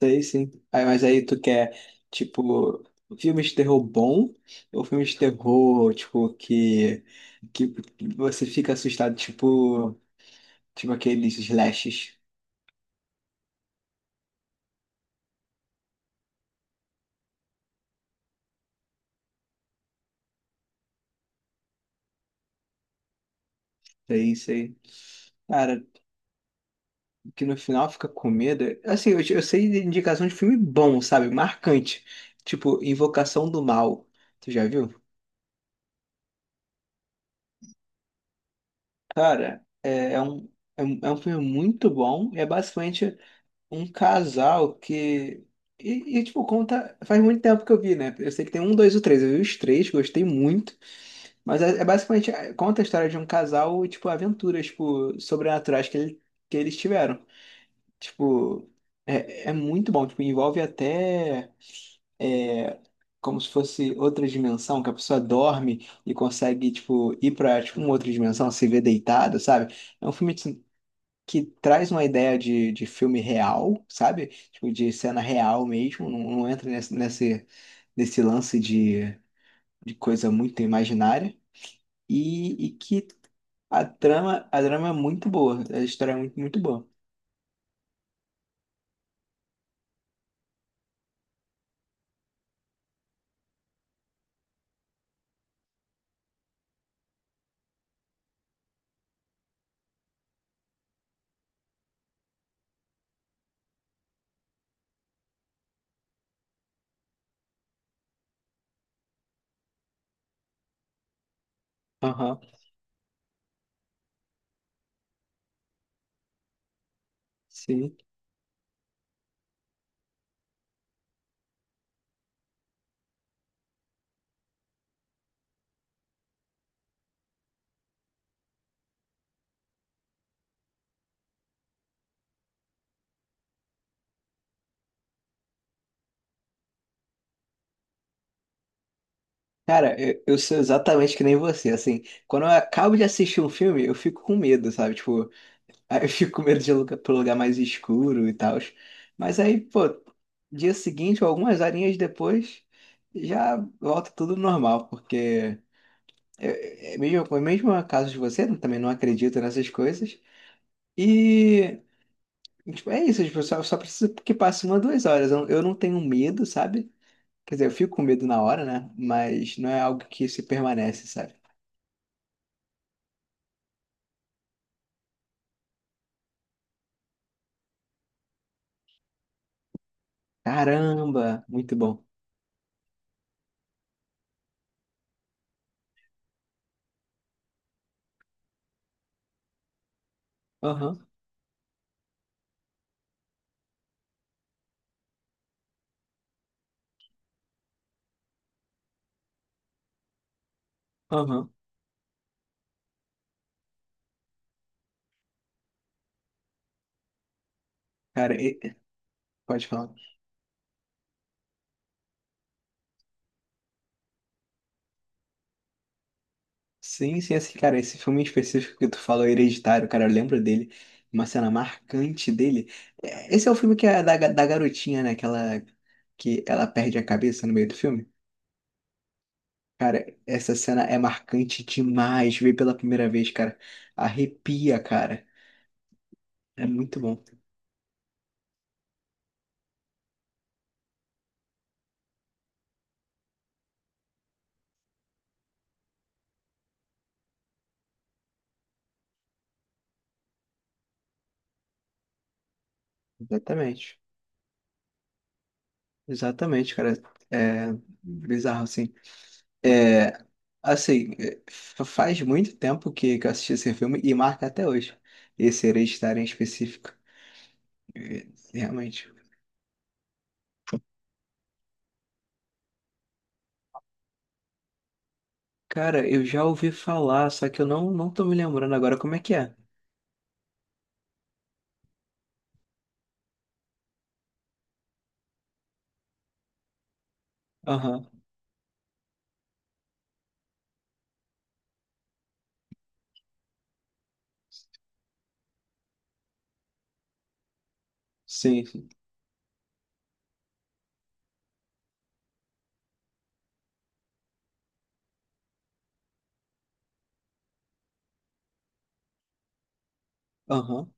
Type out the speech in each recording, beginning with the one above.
Sei, sim. Aí, tu quer, tipo, filme de terror bom ou filme de terror, tipo, que você fica assustado, tipo, tipo aqueles slashes. Sei, sei. Cara, que no final fica com medo. Assim, eu sei de indicação de filme bom, sabe? Marcante. Tipo, Invocação do Mal. Tu já viu? Cara, é um filme muito bom. É basicamente. Um casal que. Tipo, conta. Faz muito tempo que eu vi, né? Eu sei que tem um, dois ou três. Eu vi os três, gostei muito. Mas é, é basicamente. Conta a história de um casal e, tipo, aventuras, tipo, sobrenaturais que, que eles tiveram. Tipo, é, é muito bom. Tipo, envolve até. é, Como se fosse outra dimensão, que a pessoa dorme e consegue, tipo, ir pra, tipo, uma outra dimensão, se ver deitada, sabe? É um filme assim, que traz uma ideia de filme real, sabe? Tipo, de cena real mesmo, não entra nesse lance de coisa muito imaginária, e que a trama é muito boa, a história é muito, muito boa. Aham, sim. Cara, eu sou exatamente que nem você, assim, quando eu acabo de assistir um filme, eu fico com medo, sabe? Tipo, aí eu fico com medo de ir pro lugar mais escuro e tal. Mas aí, pô, dia seguinte ou algumas horinhas depois, já volta tudo normal, porque é é mesmo caso de você, né? Também não acredito nessas coisas. E, tipo, é isso, tipo, só, só preciso que passe uma, duas horas. Eu não tenho medo, sabe? Quer dizer, eu fico com medo na hora, né? Mas não é algo que se permanece, sabe? Caramba, muito bom. Aham, aham. Cara, e- pode falar. Sim, sim, esse cara, esse filme em específico que tu falou, Hereditário, cara, eu lembro dele, uma cena marcante dele. É, esse é o filme que é da garotinha, né? Que ela perde a cabeça no meio do filme. Cara, essa cena é marcante demais. Ver pela primeira vez, cara, arrepia, cara. É muito bom. Exatamente. Exatamente, cara. É bizarro, assim. É, assim, é, faz muito tempo que eu assisti esse filme e marca até hoje. Esse Hereditário em específico. Realmente. Cara, eu já ouvi falar, só que eu não, não tô me lembrando agora como é que é. Aham, sim, sim. Aham,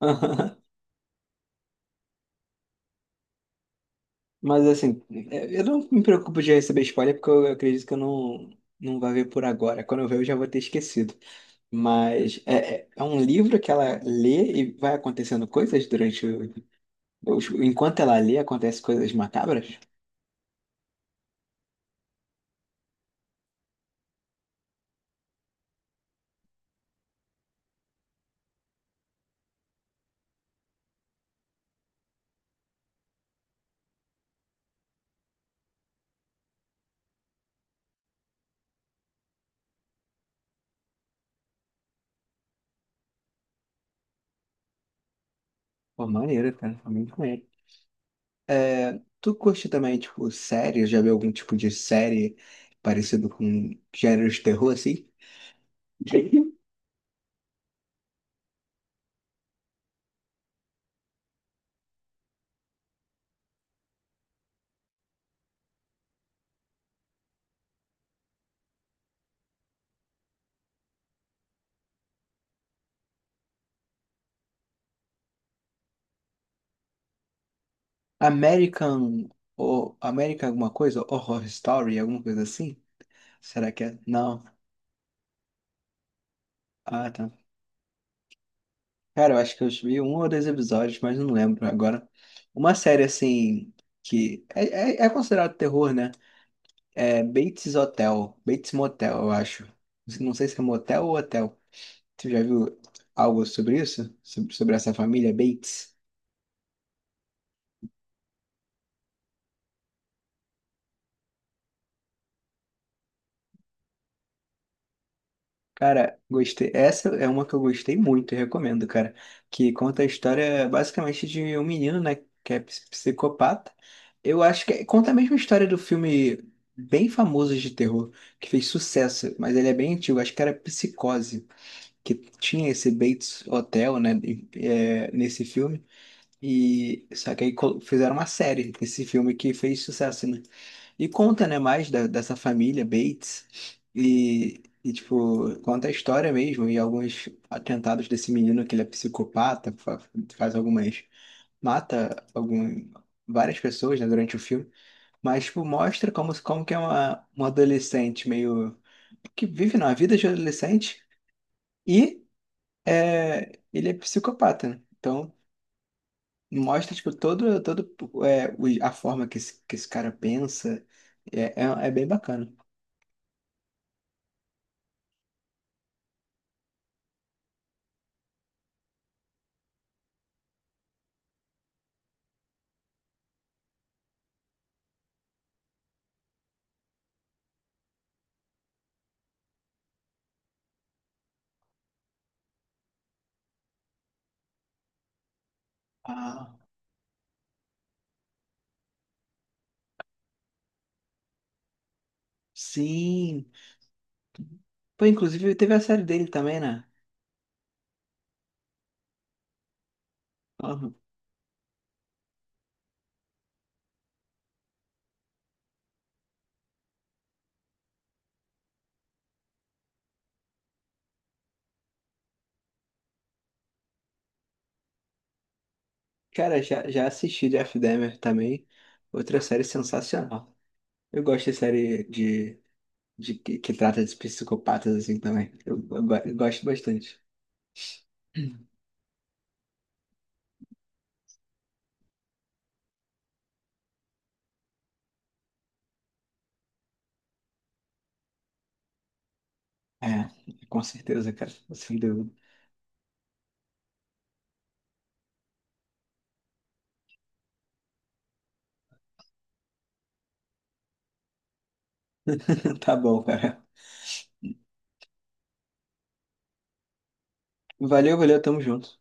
aham. Mas assim, é, eu não me preocupo de receber spoiler, porque eu acredito que eu não, não vai ver por agora. Quando eu ver, eu já vou ter esquecido. Mas é, é um livro que ela lê e vai acontecendo coisas durante enquanto ela lê, acontecem coisas macabras? Pô, maneiro, cara. Foi muito. É, tu curte também, tipo, série? Já viu algum tipo de série parecido com gênero de terror, assim? American, ou American alguma coisa? Horror Story, alguma coisa assim? Será que é? Não. Ah, tá. Cara, eu acho que eu vi um ou dois episódios, mas não lembro agora. Uma série, assim, que é, é, é considerado terror, né? É Bates Hotel, Bates Motel, eu acho. Não sei se é motel ou hotel. Tu já viu algo sobre isso? Sobre essa família Bates? Cara, gostei. Essa é uma que eu gostei muito, eu recomendo, cara. Que conta a história basicamente de um menino, né, que é psicopata. Eu acho que é, conta a mesma história do filme bem famoso de terror, que fez sucesso, mas ele é bem antigo, acho que era Psicose, que tinha esse Bates Hotel, né, é, nesse filme. E só que aí fizeram uma série, esse filme que fez sucesso, né? E conta, né, mais dessa família Bates e, tipo, conta a história mesmo e alguns atentados desse menino que ele é psicopata, faz algumas, mata algum, várias pessoas, né, durante o filme, mas, tipo, mostra como, como que é uma adolescente meio, que vive na vida de adolescente e é, ele é psicopata, né? Então, mostra, tipo, todo, todo é, a forma que que esse cara pensa, é, é, é bem bacana. Ah, sim. Pô, inclusive teve a série dele também, né? Aham. Cara, já assisti Jeff Dahmer também. Outra série sensacional. Eu gosto de série de, que trata de psicopatas assim também. Eu eu gosto bastante. É, com certeza, cara. Sem dúvida. Tá bom, cara. Valeu, valeu, tamo junto.